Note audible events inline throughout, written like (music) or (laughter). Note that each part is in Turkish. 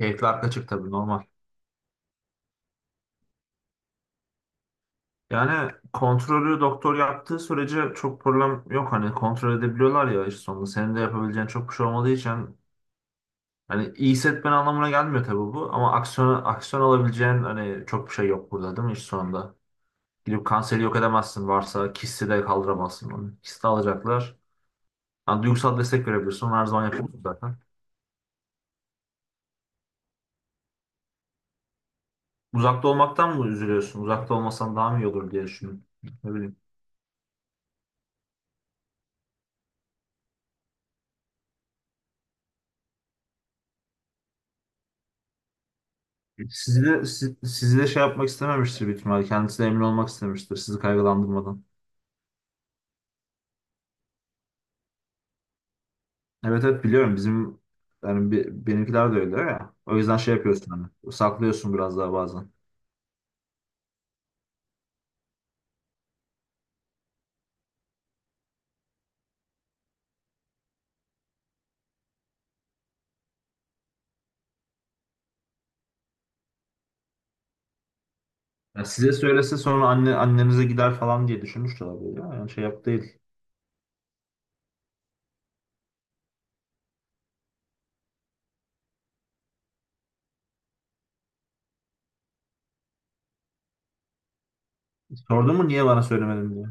Keyifli haklı çık tabii normal. Yani kontrolü doktor yaptığı sürece çok problem yok. Hani kontrol edebiliyorlar ya işte sonunda. Senin de yapabileceğin çok bir şey olmadığı için hani iyi hissetmen anlamına gelmiyor tabii bu. Ama aksiyon alabileceğin hani çok bir şey yok burada değil mi iş sonunda? Gidip kanseri yok edemezsin, varsa kisti de kaldıramazsın onu. Kisti alacaklar. Yani duygusal destek verebilirsin. Onu her zaman yapıyorsun zaten. Uzakta olmaktan mı üzülüyorsun? Uzakta olmasan daha mı iyi olur diye düşündüm. Ne bileyim. Sizi de şey yapmak istememiştir büyük ihtimalle. Kendisi de emin olmak istemiştir sizi kaygılandırmadan. Evet evet, biliyorum, bizim yani benimkiler de öyle ya. O yüzden şey yapıyorsun, hani saklıyorsun biraz daha bazen. Ya size söylese sonra annenize gider falan diye düşünmüştür abi ya. Yani şey yap değil. Sordun mu niye bana söylemedin diye?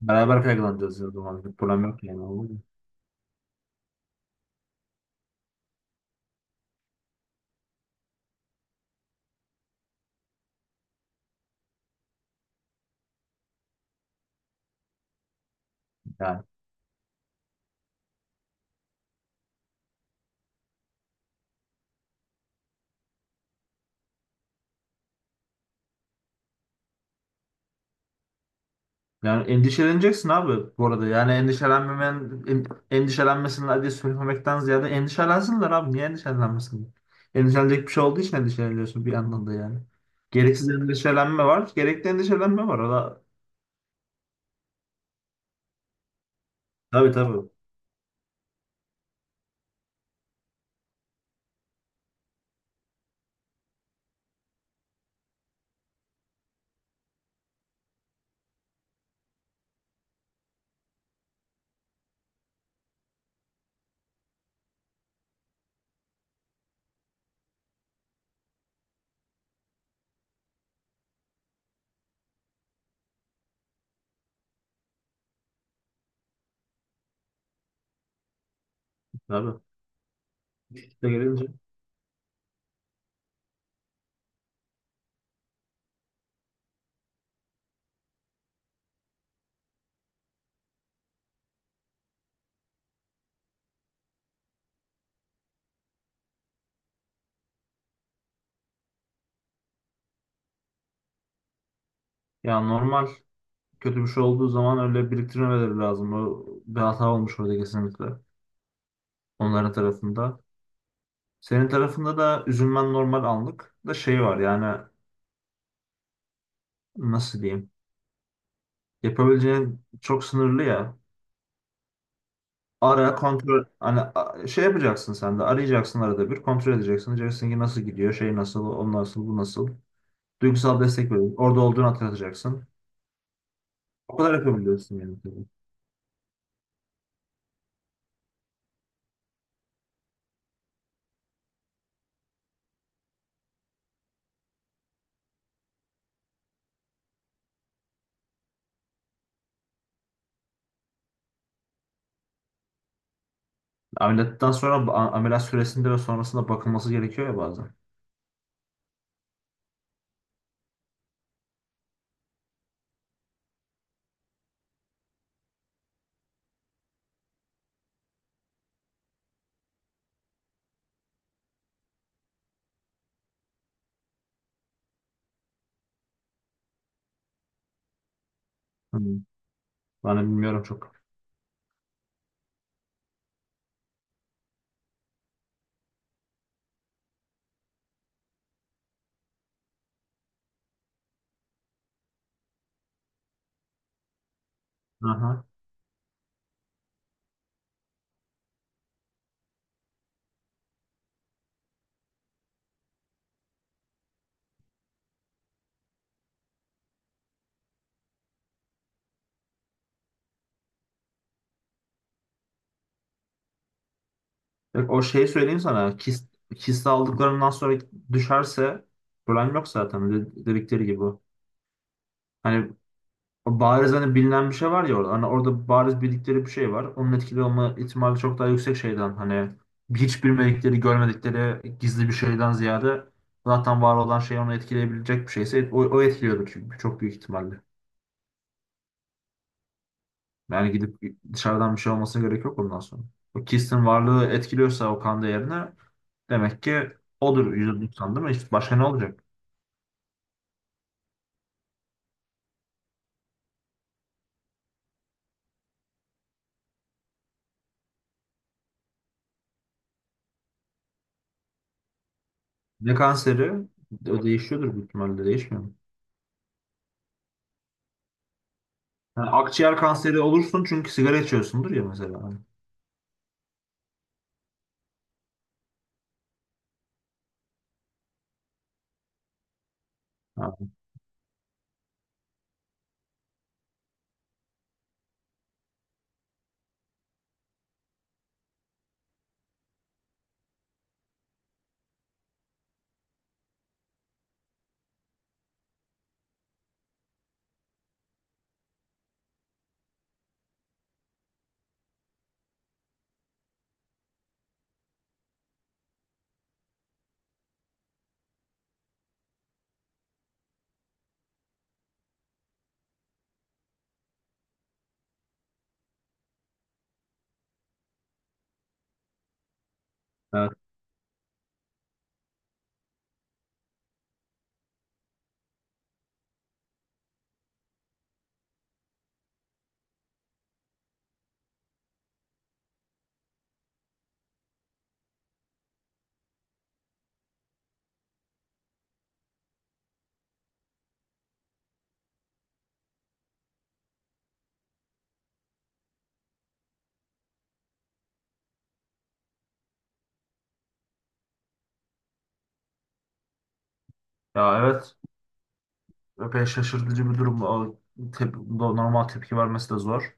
Beraber kaygılanacağız ya o zaman. Bir problem yok yani. Olur mu? Yani Yani endişeleneceksin abi bu arada. Yani endişelenmesinler diye söylemekten ziyade endişelensinler abi. Niye endişelenmesinler? Endişelenecek bir şey olduğu için endişeleniyorsun bir yandan da yani. Gereksiz endişelenme var, gerekli endişelenme var. O da, tabii tabii. Tabii. İşte gelince. Ya normal, kötü bir şey olduğu zaman öyle biriktirmeleri lazım. O bir hata olmuş orada kesinlikle. Onların tarafında. Senin tarafında da üzülmen normal, anlık da şey var yani, nasıl diyeyim? Yapabileceğin çok sınırlı ya. Ara kontrol, hani şey yapacaksın, sen de arayacaksın, arada bir kontrol edeceksin. Diyeceksin ki nasıl gidiyor, şey nasıl, o nasıl, bu nasıl. Duygusal destek verin. Orada olduğunu hatırlatacaksın. O kadar yapabiliyorsun yani. Ameliyattan sonra, ameliyat süresinde ve sonrasında bakılması gerekiyor ya bazen. Hı. Ben de bilmiyorum çok. Aha. Bak, o şeyi söyleyeyim sana. Kist aldıklarından sonra düşerse problem yok zaten. Dedikleri gibi. Hani o bariz, hani bilinen bir şey var ya orada. Hani orada bariz bildikleri bir şey var. Onun etkili olma ihtimali çok daha yüksek şeyden. Hani hiç bilmedikleri, görmedikleri gizli bir şeyden ziyade zaten var olan şey, onu etkileyebilecek bir şeyse o, o etkiliyordur çünkü çok büyük ihtimalle. Yani gidip dışarıdan bir şey olmasına gerek yok ondan sonra. O Kist'in varlığı etkiliyorsa o kan değerine, demek ki odur %90 değil mi? İşte başka ne olacak? Ne kanseri? O değişiyordur büyük ihtimalle, değişmiyor mu? Yani akciğer kanseri olursun çünkü sigara içiyorsundur ya mesela. Ha. Evet. Ya evet, epey şaşırtıcı bir durum. Normal tepki vermesi de zor.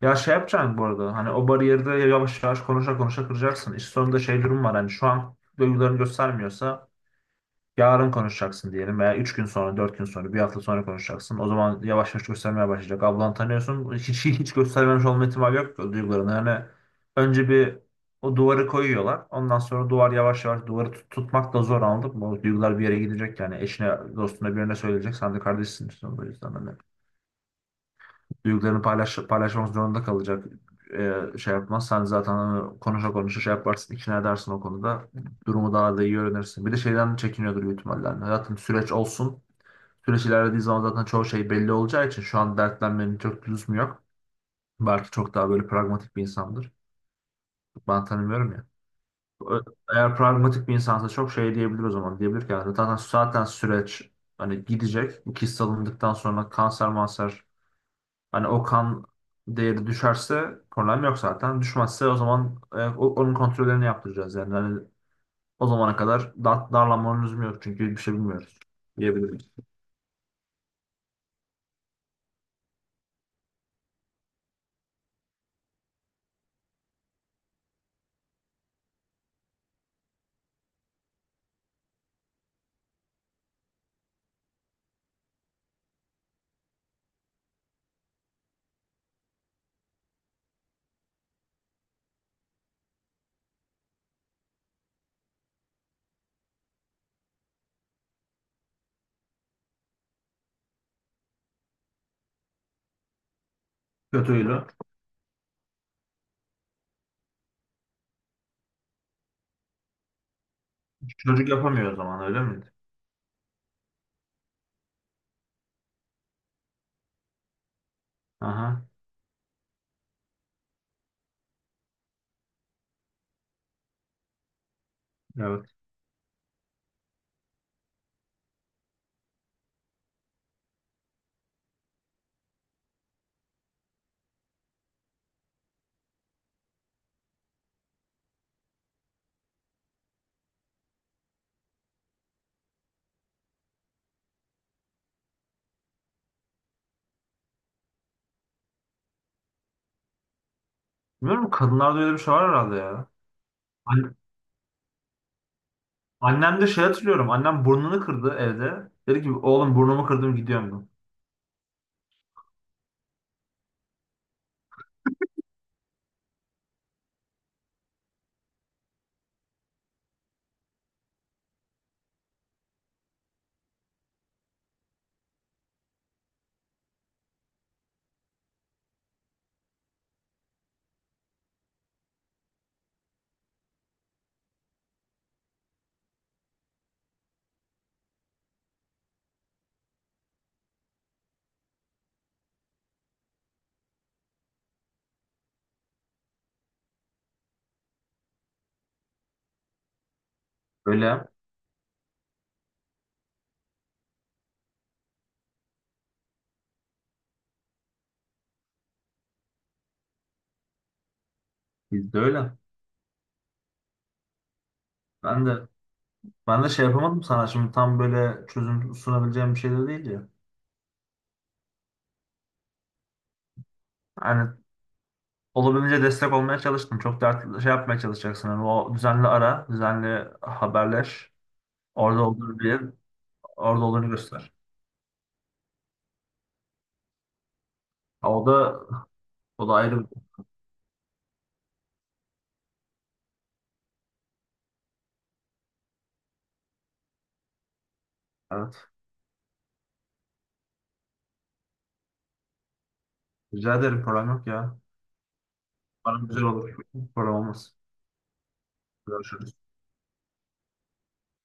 Ya şey yapacaksın bu arada, hani o bariyeri de yavaş yavaş konuşa konuşa kıracaksın. İş sonunda şey durum var, hani şu an duygularını göstermiyorsa yarın konuşacaksın diyelim, veya 3 gün sonra, 4 gün sonra, bir hafta sonra konuşacaksın. O zaman yavaş yavaş göstermeye başlayacak. Ablan, tanıyorsun. (laughs) Hiç göstermemiş olma ihtimali yok o duygularını. Yani önce bir o duvarı koyuyorlar. Ondan sonra duvar yavaş yavaş, tutmak da zor, anladın mı? O duygular bir yere gidecek yani. Eşine, dostuna, birine söyleyecek. Sen de kardeşsin. İşte. O yüzden hani paylaşmak zorunda kalacak. Şey yapmazsan zaten hani konuşa konuşa şey yaparsın, ikna edersin o konuda, durumu daha da iyi öğrenirsin. Bir de şeyden çekiniyordur büyük ihtimalle. Yani hayatım süreç olsun. Süreç ilerlediği zaman zaten çoğu şey belli olacağı için şu an dertlenmenin çok lüzumu yok. Belki çok daha böyle pragmatik bir insandır. Ben tanımıyorum ya. Ö- Eğer pragmatik bir insansa çok şey diyebilir o zaman. Diyebilir ki yani zaten süreç hani gidecek. Bu kist alındıktan sonra kanser manser, hani o kan değeri düşerse problem yok zaten. Düşmezse o zaman onun kontrollerini yaptıracağız. Yani hani o zamana kadar darlanmanın lüzumu yok çünkü bir şey bilmiyoruz diyebiliriz. Kötüydü. Çocuk yapamıyor o zaman, öyle miydi? Aha, evet. Bilmiyorum, kadınlarda öyle bir şey var herhalde ya. An- Annem de şey hatırlıyorum. Annem burnunu kırdı evde. Dedi ki oğlum, burnumu kırdım gidiyorum ben. Öyle. Bizde öyle. Ben de Ben de şey yapamadım sana, şimdi tam böyle çözüm sunabileceğim bir şey de değil ya. Yani olabildiğince destek olmaya çalıştım. Çok dert şey yapmaya çalışacaksın. Yani o düzenli haberleş. Orada olduğunu bil, orada olduğunu göster. Ha, o da o da ayrı bir evet. Rica ederim, program yok ya. Bana güzel olur. Program olmaz. Görüşürüz.